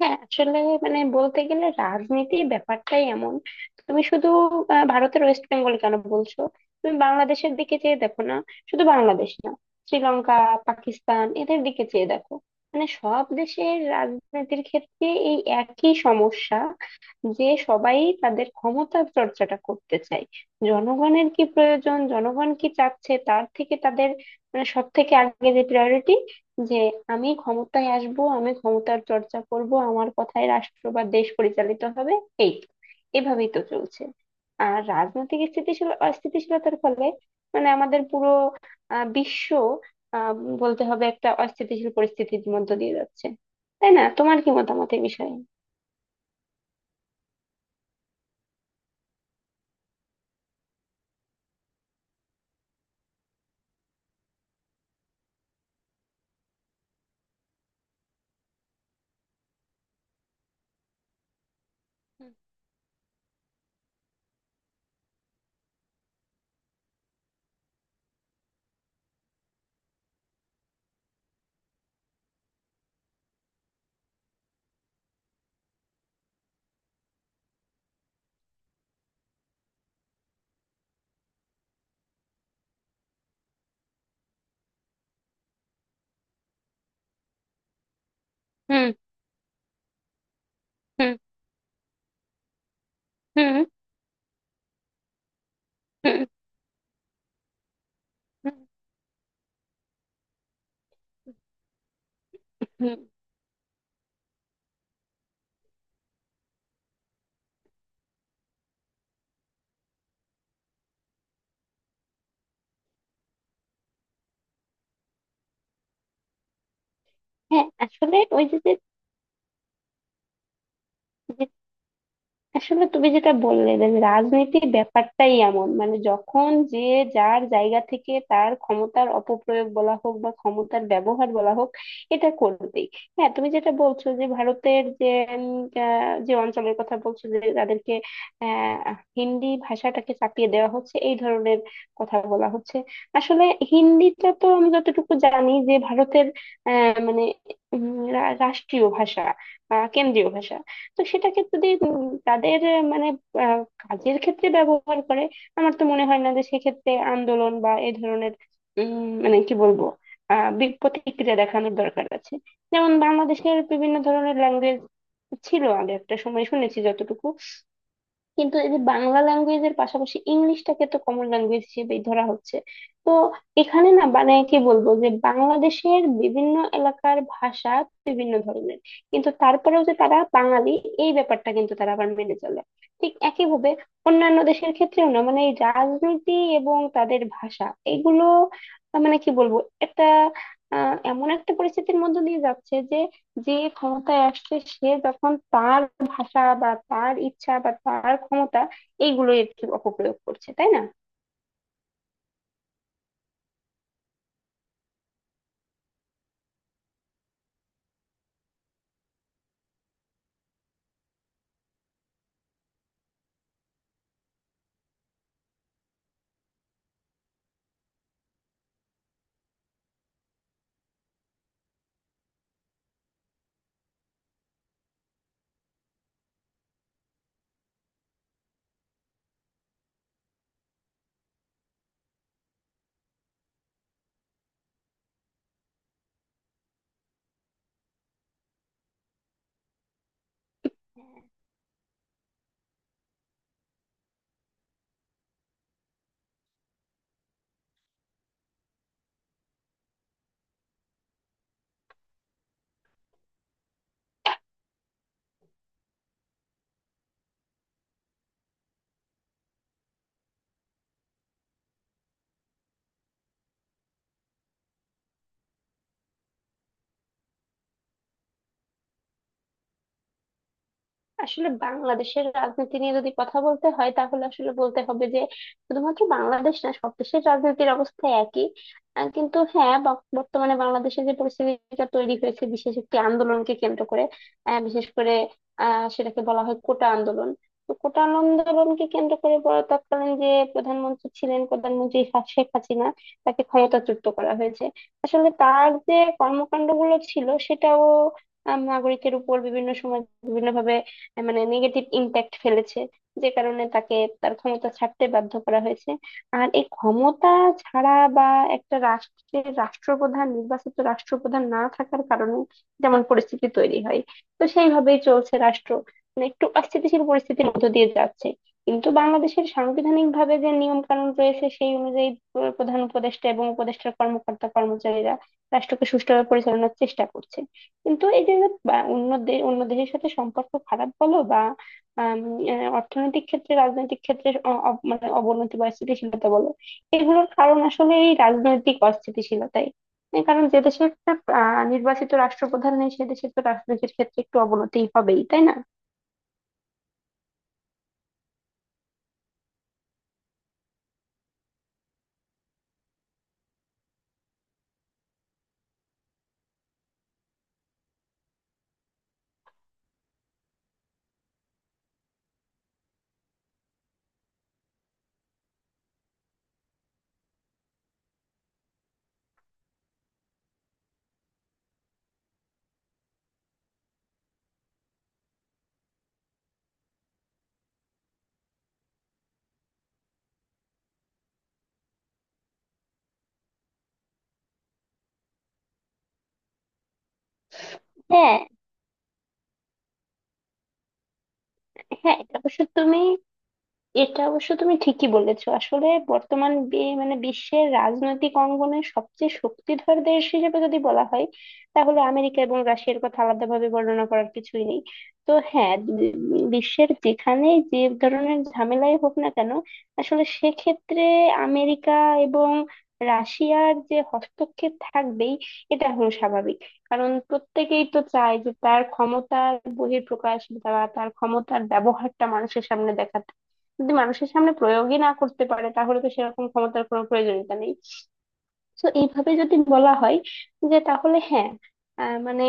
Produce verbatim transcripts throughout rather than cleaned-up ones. হ্যাঁ, আসলে মানে বলতে গেলে রাজনীতির ব্যাপারটাই এমন। তুমি শুধু আহ, ভারতের ওয়েস্ট বেঙ্গল কেন বলছো? তুমি বাংলাদেশের দিকে চেয়ে দেখো না। শুধু বাংলাদেশ না, শ্রীলঙ্কা, পাকিস্তান, এদের দিকে চেয়ে দেখো। মানে সব দেশের রাজনীতির ক্ষেত্রে এই একই সমস্যা, যে সবাই তাদের ক্ষমতা চর্চাটা করতে চায়। জনগণের কি প্রয়োজন, জনগণ কি চাচ্ছে, তার থেকে তাদের মানে সব থেকে আগে যে প্রায়োরিটি, যে আমি ক্ষমতায় আসব, আমি ক্ষমতার চর্চা করব, আমার কথায় রাষ্ট্র বা দেশ পরিচালিত হবে। এই তো। এভাবেই তো চলছে। আর রাজনৈতিক স্থিতিশীল অস্থিতিশীলতার ফলে মানে আমাদের পুরো আহ, বিশ্ব আহ, বলতে হবে একটা অস্থিতিশীল পরিস্থিতির মধ্য দিয়ে যাচ্ছে। তাই না? তোমার কি মতামত এই বিষয়ে? হুম। হুম। হুম। হুম। হুম। হুম। হুম। হ্যাঁ, আসলে ওই যে যে আসলে তুমি যেটা বললে যে রাজনীতির ব্যাপারটাই এমন, মানে যখন যে যার জায়গা থেকে তার ক্ষমতার অপপ্রয়োগ বলা হোক বা ক্ষমতার ব্যবহার বলা হোক, এটা করবেই। হ্যাঁ, তুমি যেটা বলছো যে ভারতের যে উম, আহ, যে অঞ্চলের কথা বলছো যে তাদেরকে আহ হিন্দি ভাষাটাকে চাপিয়ে দেওয়া হচ্ছে, এই ধরনের কথা বলা হচ্ছে। আসলে হিন্দিটা তো আমি যতটুকু জানি যে ভারতের আহ মানে উম, রা- রাষ্ট্রীয় ভাষা, আহ, কেন্দ্রীয় ভাষা। তো সেটাকে যদি উম তাদের আহ, মানে আহ, কাজের ক্ষেত্রে ব্যবহার করে, আমার তো মনে হয় না যে সেক্ষেত্রে আন্দোলন বা এ ধরনের উম মানে কি বলবো, আহ বি- প্রতিক্রিয়া দেখানোর দরকার আছে। যেমন বাংলাদেশের বিভিন্ন ধরনের ল্যাঙ্গুয়েজ ছিল আগে একটা সময়, শুনেছি যতটুকু। কিন্তু এই যে বাংলা ল্যাঙ্গুয়েজের পাশাপাশি ইংলিশটাকে তো কমন ল্যাঙ্গুয়েজ হিসেবেই ধরা হচ্ছে। তো এখানে না, মানে কি বলবো, যে বাংলাদেশের বিভিন্ন এলাকার ভাষা বিভিন্ন ধরনের, কিন্তু তারপরেও যে তারা বাঙালি এই ব্যাপারটা কিন্তু তারা আবার মেনে চলে। ঠিক একইভাবে অন্যান্য দেশের ক্ষেত্রেও না, মানে এই রাজনীতি এবং তাদের ভাষা এগুলো আহ, মানে কি বলবো, একটা আহ এমন একটা পরিস্থিতির মধ্যে দিয়ে যাচ্ছে, যে যে ক্ষমতায় আসছে সে যখন তার ভাষা বা তার ইচ্ছা বা তার ক্ষমতা এইগুলো একটু অপপ্রয়োগ করছে, তাই না? আসলে বাংলাদেশের রাজনীতি নিয়ে যদি কথা বলতে হয় তাহলে আসলে বলতে হবে যে শুধুমাত্র বাংলাদেশ না, সব দেশের রাজনীতির অবস্থা একই। আহ, কিন্তু হ্যাঁ, বক- বর্তমানে বাংলাদেশে যে পরিস্থিতিটা তৈরি হয়েছে বিশেষ একটি আন্দোলনকে কেন্দ্র করে, আহ, বিশেষ করে আহ সেটাকে বলা হয় কোটা আন্দোলন। তো কোটা আন্দোলনকে কেন্দ্র করে বড় তৎকালীন যে প্রধানমন্ত্রী ছিলেন, প্রধানমন্ত্রী হা- শেখ হাসিনা, তাকে ক্ষমতাচ্যুত করা হয়েছে। আসলে তার যে কর্মকাণ্ডগুলো ছিল সেটাও আহ, নাগরিকের উপর বিভিন্ন সময় বিভিন্ন ভাবে মানে নেগেটিভ ইম্প্যাক্ট ফেলেছে, যে কারণে তাকে তার ক্ষমতা ছাড়তে বাধ্য করা হয়েছে। আর এই ক্ষমতা ছাড়া বা একটা রাষ্ট্রের রাষ্ট্রপ্রধান, নির্বাচিত রাষ্ট্রপ্রধান না থাকার কারণে যেমন পরিস্থিতি তৈরি হয়, তো সেইভাবেই চলছে রাষ্ট্র, মানে একটু অস্থিতিশীল পরিস্থিতির মধ্য দিয়ে যাচ্ছে। কিন্তু বাংলাদেশের সাংবিধানিক ভাবে যে নিয়ম কানুন রয়েছে সেই অনুযায়ী প্র- প্রধান উপদেষ্টা এবং উপদেষ্টার কর্মকর্তা কর্মচারীরা রাষ্ট্রকে সুষ্ঠুভাবে পরিচালনার চেষ্টা করছে। কিন্তু এই যে যে বা অন্য দেশ অন্য দেশের সাথে সম্পর্ক খারাপ বলো বা আম, আহ, অর্থনৈতিক ক্ষেত্রে রাজনৈতিক ক্ষেত্রে অ- অব- মানে অবনতি বা স্থিতিশীলতা বলো, এগুলোর কারণ আসলে এই রাজনৈতিক অস্থিতিশীলতাই। এই কারণ যে দেশে একটা আহ, নির্বাচিত রাষ্ট্রপ্রধান নেই, সে দেশে তো রাজনীতির ক্ষেত্রে একটু অবনতি হবেই, তাই না? হ্যাঁ, হ্যাঁ। এটা অবশ্য তুমি এটা অবশ্য তুমি ঠিকই বলেছো। আসলে বর্তমান বি- মানে বিশ্বের রাজনৈতিক অঙ্গনে সবচেয়ে শক্তিধর দেশ হিসেবে যদি বলা হয়, তাহলে আমেরিকা এবং রাশিয়ার কথা আলাদাভাবে বর্ণনা করার কিছুই নেই। তো হ্যাঁ, বি- বিশ্বের যেখানে যে ধরনের ঝামেলাই হোক না কেন, আসলে সেক্ষেত্রে আমেরিকা এবং রাশিয়ার যে হস্তক্ষেপ থাকবেই, এটা হলো স্বাভাবিক। কারণ প্রত্যেকেই তো চায় যে তার ক্ষমতার বহিঃপ্রকাশ বা তার ক্ষমতার ব্যবহারটা মানুষের সামনে দেখাতে। যদি মানুষের সামনে প্রয়োগই না করতে পারে তাহলে তো সেরকম ক্ষমতার কোনো প্রয়োজনীয়তা নেই। তো এইভাবে যদি বলা হয়, যে তাহলে হ্যাঁ, আহ, মানে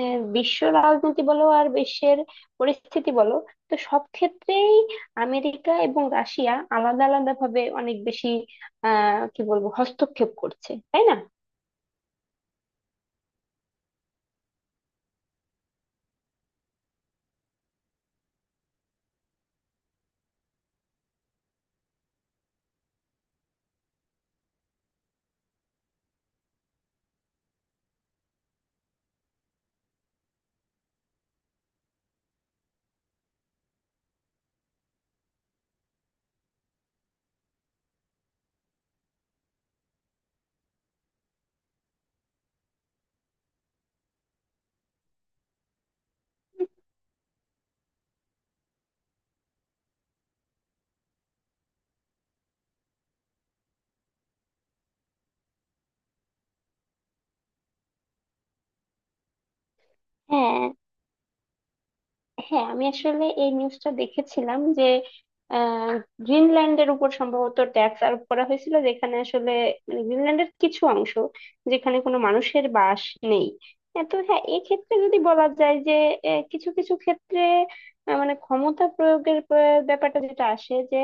আহ, বিশ্ব রাজনীতি বলো আর বিশ্বের পরিস্থিতি বলো, তো সব ক্ষেত্রেই আমেরিকা এবং রাশিয়া আলাদা আলাদা ভাবে অনেক বেশি আহ কি বলবো, হস্তক্ষেপ করছে, তাই না? হ্যাঁ, হ্যাঁ। আমি আসলে এই নিউজটা দেখেছিলাম যে আহ, গ্রিনল্যান্ডের উপর সম্ভবত ট্যাক্স আরোপ করা হয়েছিল, যেখানে আসলে মানে গ্রিনল্যান্ডের কিছু অংশ যেখানে কোনো মানুষের বাস নেই। হ্যাঁ, তো হ্যাঁ, এক্ষেত্রে যদি বলা যায় যে আহ, কিছু কিছু ক্ষেত্রে আহ, মানে ক্ষমতা প্রয়োগের প্র- ব্যাপারটা যেটা আসে যে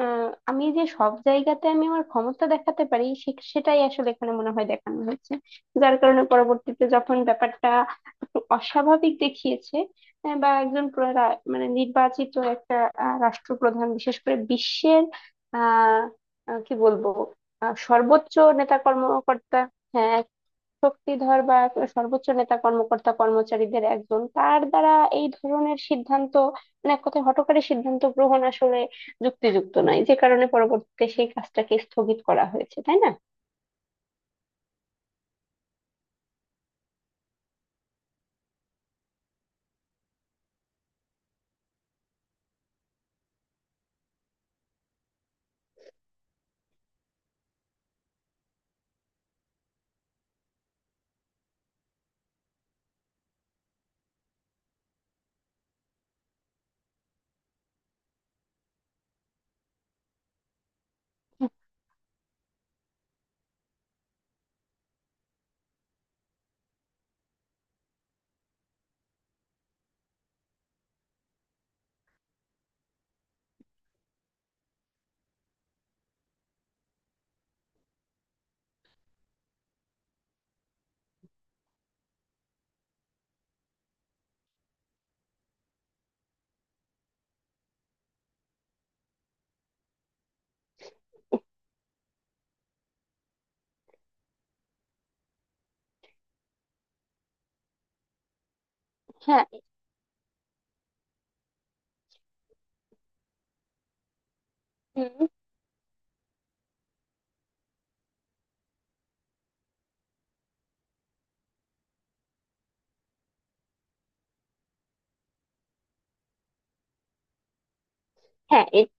আহ, আমি যে সব জায়গাতে আমি আমার ক্ষমতা দেখাতে পারি, সে- সেটাই আসলে এখানে মনে হয় দেখানো হয়েছে, যার কারণে পরবর্তীতে যখন ব্যাপারটা একটু অস্বাভাবিক দেখিয়েছে, আহ, বা একজন প্র- রা- মানে নির্বাচিত একটা আহ, রাষ্ট্রপ্রধান, বিশেষ করে বিশ্বের আহ আহ, কি বলবো, আহ, সর্বোচ্চ নেতা কর্মকর্তা, হ্যাঁ, এক শক্তিধর বা এক সর্বোচ্চ নেতা কর্মকর্তা কর্মচারীদের একজন, তার দ্বারা এই ধরনের সিদ্ধান্ত মানে এক কথায় হঠকারী সিদ্ধান্ত গ্রহণ আসলে যুক্তিযুক্ত নয়, যে কারণে পরবর্তীতে সেই কাজটাকে স্থগিত করা হয়েছে, তাই না? হ্যাঁ, হ্যাঁ। এ-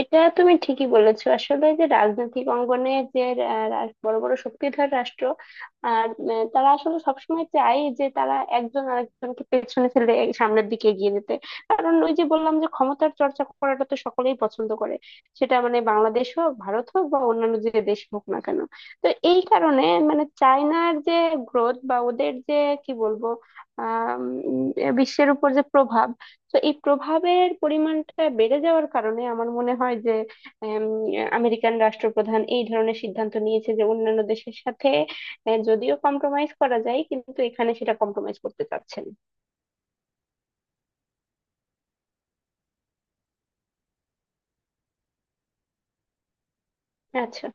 এটা তুমি ঠিকই বলেছো আসলে, যে রাজনৈতিক অঙ্গনে যে আহ, রা- বড় বড় শক্তিধর রাষ্ট্র, আর উম, তারা আসলে সবসময় চায় যে তারা একজন আরেকজনকে পেছনে ফেলে এই সামনের দিকে এগিয়ে যেতে। কারণ ওই যে বললাম যে ক্ষমতার চর্চা করাটা তো সকলেই পছন্দ করে, সেটা মানে বাংলাদেশ হোক, ভারত হোক বা অন্যান্য যে দেশ হোক না কেন। তো এই কারণে মানে চায়নার যে গ্রোথ বা ওদের যে কি বলবো, আহ বিশ্বের উপর যে প্রভাব, তো এই প্রভাবের পরিমাণটা বেড়ে যাওয়ার কারণে আমার মনে হয় যে উম, আমেরিকান রাষ্ট্রপ্রধান এই ধরনের সিদ্ধান্ত নিয়েছে যে অন্যান্য দেশের সাথে আহ, যদিও কম্প্রোমাইজ করা যায় কিন্তু এখানে সেটা কম্প্রোমাইজ করতে চাচ্ছেন। আচ্ছা।